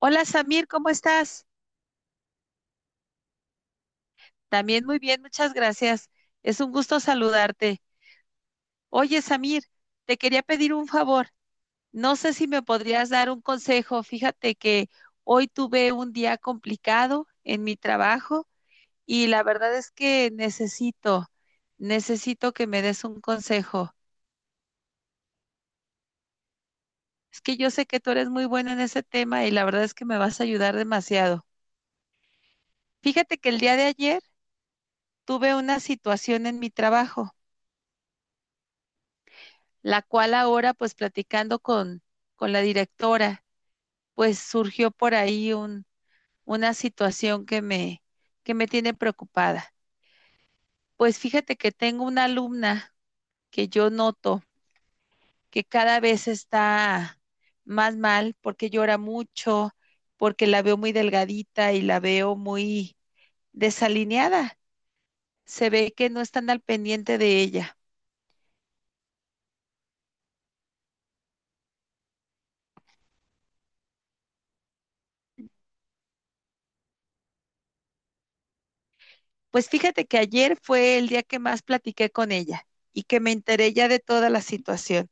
Hola Samir, ¿cómo estás? También muy bien, muchas gracias. Es un gusto saludarte. Oye Samir, te quería pedir un favor. No sé si me podrías dar un consejo. Fíjate que hoy tuve un día complicado en mi trabajo y la verdad es que necesito que me des un consejo. Es que yo sé que tú eres muy bueno en ese tema y la verdad es que me vas a ayudar demasiado. Fíjate que el día de ayer tuve una situación en mi trabajo, la cual ahora pues con la directora, pues surgió por ahí una situación que me tiene preocupada. Pues fíjate que tengo una alumna que yo noto que cada vez está más mal porque llora mucho, porque la veo muy delgadita y la veo muy desalineada. Se ve que no están al pendiente de ella. Pues fíjate que ayer fue el día que más platiqué con ella y que me enteré ya de toda la situación.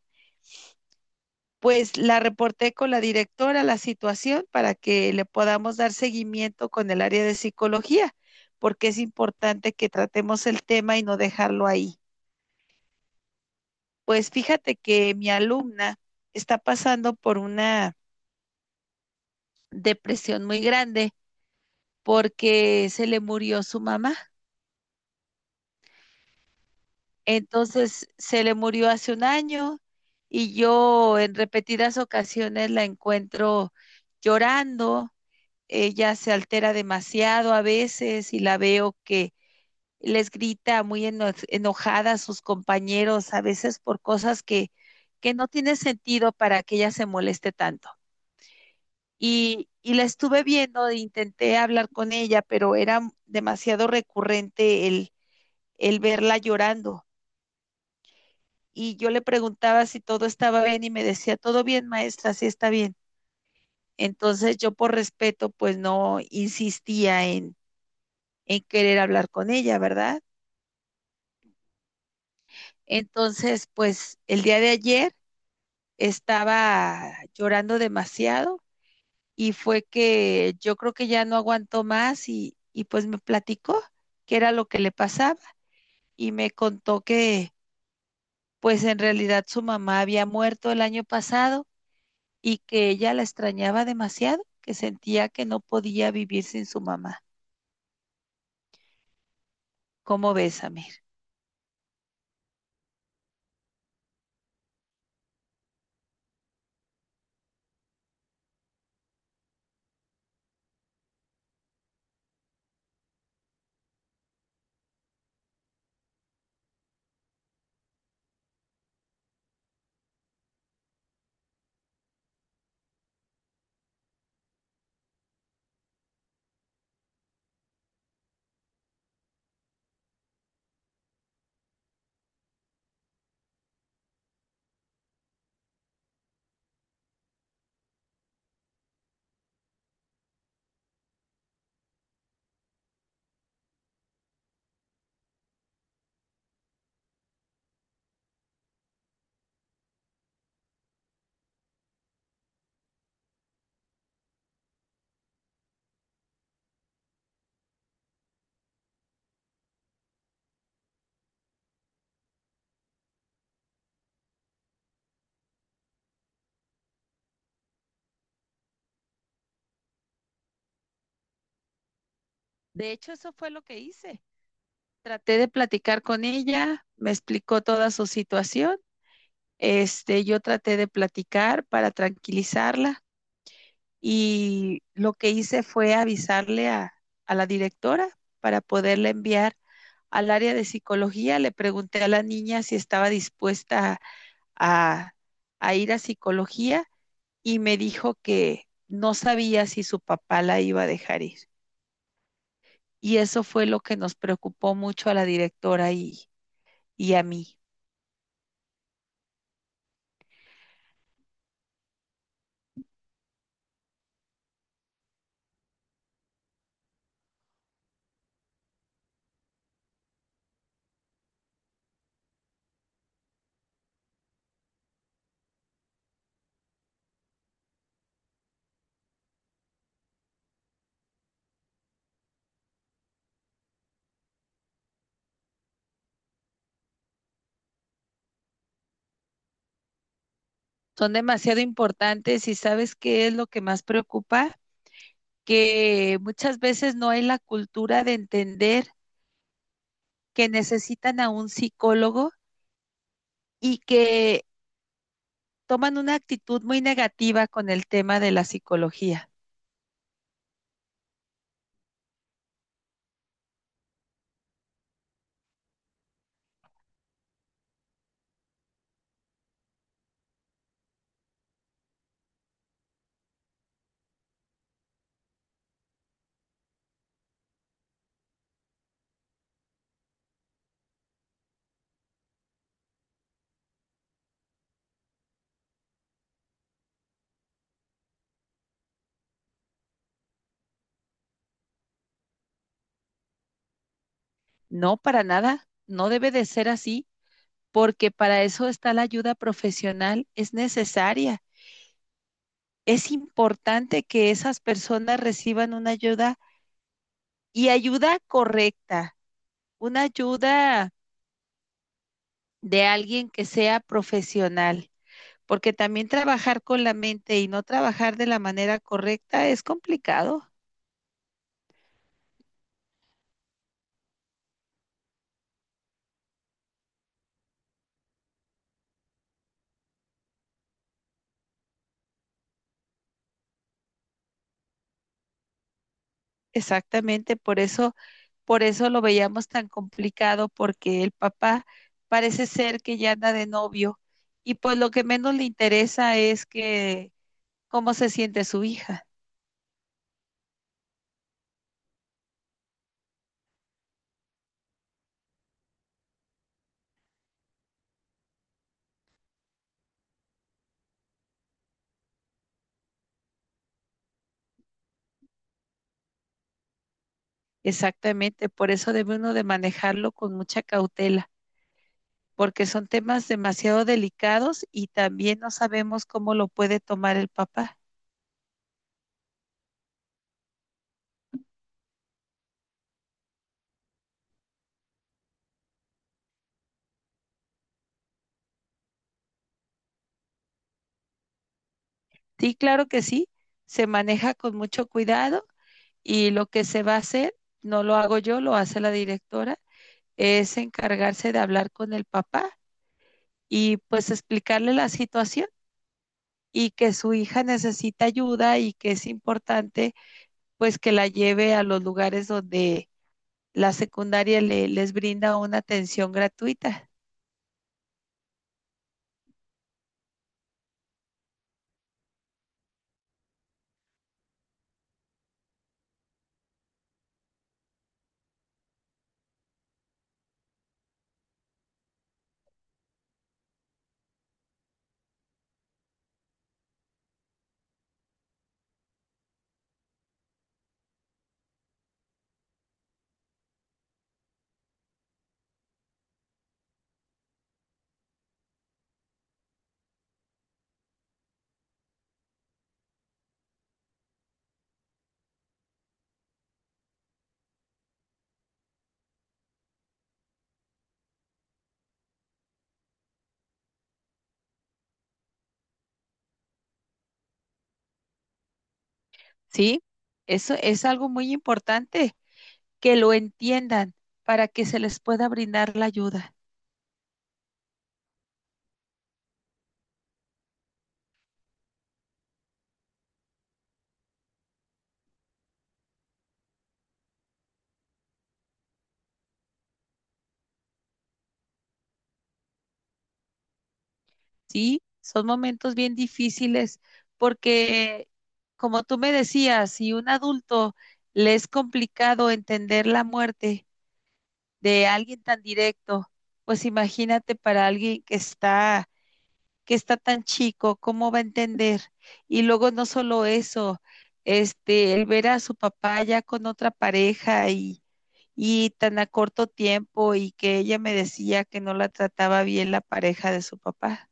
Pues la reporté con la directora la situación para que le podamos dar seguimiento con el área de psicología, porque es importante que tratemos el tema y no dejarlo ahí. Pues fíjate que mi alumna está pasando por una depresión muy grande porque se le murió su mamá. Entonces se le murió hace un año y yo en repetidas ocasiones la encuentro llorando. Ella se altera demasiado a veces y la veo que les grita muy enojada a sus compañeros, a veces por cosas que no tiene sentido para que ella se moleste tanto. Y la estuve viendo, e intenté hablar con ella, pero era demasiado recurrente el verla llorando. Y yo le preguntaba si todo estaba bien y me decía, todo bien, maestra, sí está bien. Entonces yo por respeto, pues no insistía en querer hablar con ella, ¿verdad? Entonces, pues el día de ayer estaba llorando demasiado y fue que yo creo que ya no aguantó más y pues me platicó qué era lo que le pasaba y me contó que pues en realidad su mamá había muerto el año pasado y que ella la extrañaba demasiado, que sentía que no podía vivir sin su mamá. ¿Cómo ves, Amir? De hecho, eso fue lo que hice. Traté de platicar con ella, me explicó toda su situación. Este, yo traté de platicar para tranquilizarla y lo que hice fue a la directora para poderla enviar al área de psicología. Le pregunté a la niña si estaba dispuesta a, a ir a psicología y me dijo que no sabía si su papá la iba a dejar ir. Y eso fue lo que nos preocupó mucho a y a mí. Son demasiado importantes y sabes qué es lo que más preocupa, que muchas veces no hay la cultura de entender que necesitan a un psicólogo y que toman una actitud muy negativa con el tema de la psicología. No, para nada, no debe de ser así, porque para eso está la ayuda profesional, es necesaria. Es importante que esas personas reciban una ayuda y ayuda correcta, una ayuda de alguien que sea profesional, porque también trabajar con la mente y no trabajar de la manera correcta es complicado. Exactamente, por eso lo veíamos tan complicado, porque el papá parece ser que ya anda de novio y pues lo que menos le interesa es que cómo se siente su hija. Exactamente, por eso debe uno de manejarlo con mucha cautela, porque son temas demasiado delicados y también no sabemos cómo lo puede tomar el papá. Sí, claro que sí, se maneja con mucho cuidado y lo que se va a hacer, no lo hago yo, lo hace la directora, es encargarse de hablar con el papá y pues explicarle la situación y que su hija necesita ayuda y que es importante pues que la lleve a los lugares donde la secundaria les brinda una atención gratuita. ¿Sí? Eso es algo muy importante, que lo entiendan para que se les pueda brindar la ayuda. ¿Sí? Son momentos bien difíciles porque, como tú me decías, si un adulto le es complicado entender la muerte, de alguien tan directo, pues imagínate para alguien que está tan chico, ¿cómo va a entender? Y luego no solo eso, este, el ver a su papá ya con otra pareja y tan a corto tiempo y que ella me decía que no la trataba bien la pareja de su papá.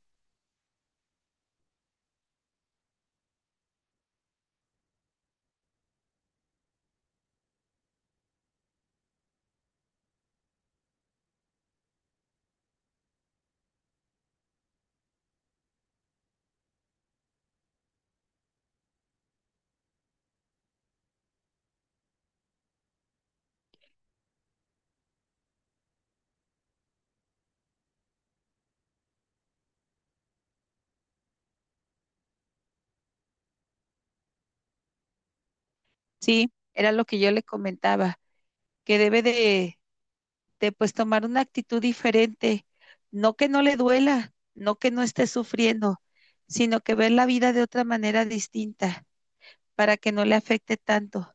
Sí, era lo que yo le comentaba, que debe de pues tomar una actitud diferente, no que no le duela, no que no esté sufriendo, sino que ver la vida de otra manera distinta para que no le afecte tanto.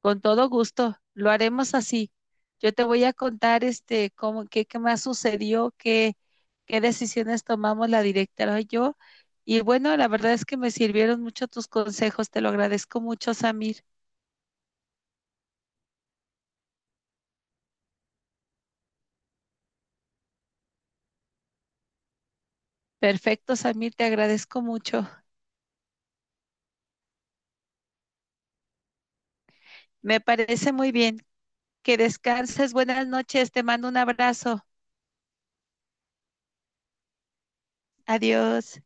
Con todo gusto, lo haremos así. Yo te voy a contar este cómo qué más sucedió, qué decisiones tomamos la directora y yo. Y bueno, la verdad es que me sirvieron mucho tus consejos, te lo agradezco mucho, Samir. Perfecto, Samir, te agradezco mucho. Me parece muy bien. Que descanses. Buenas noches, te mando un abrazo. Adiós.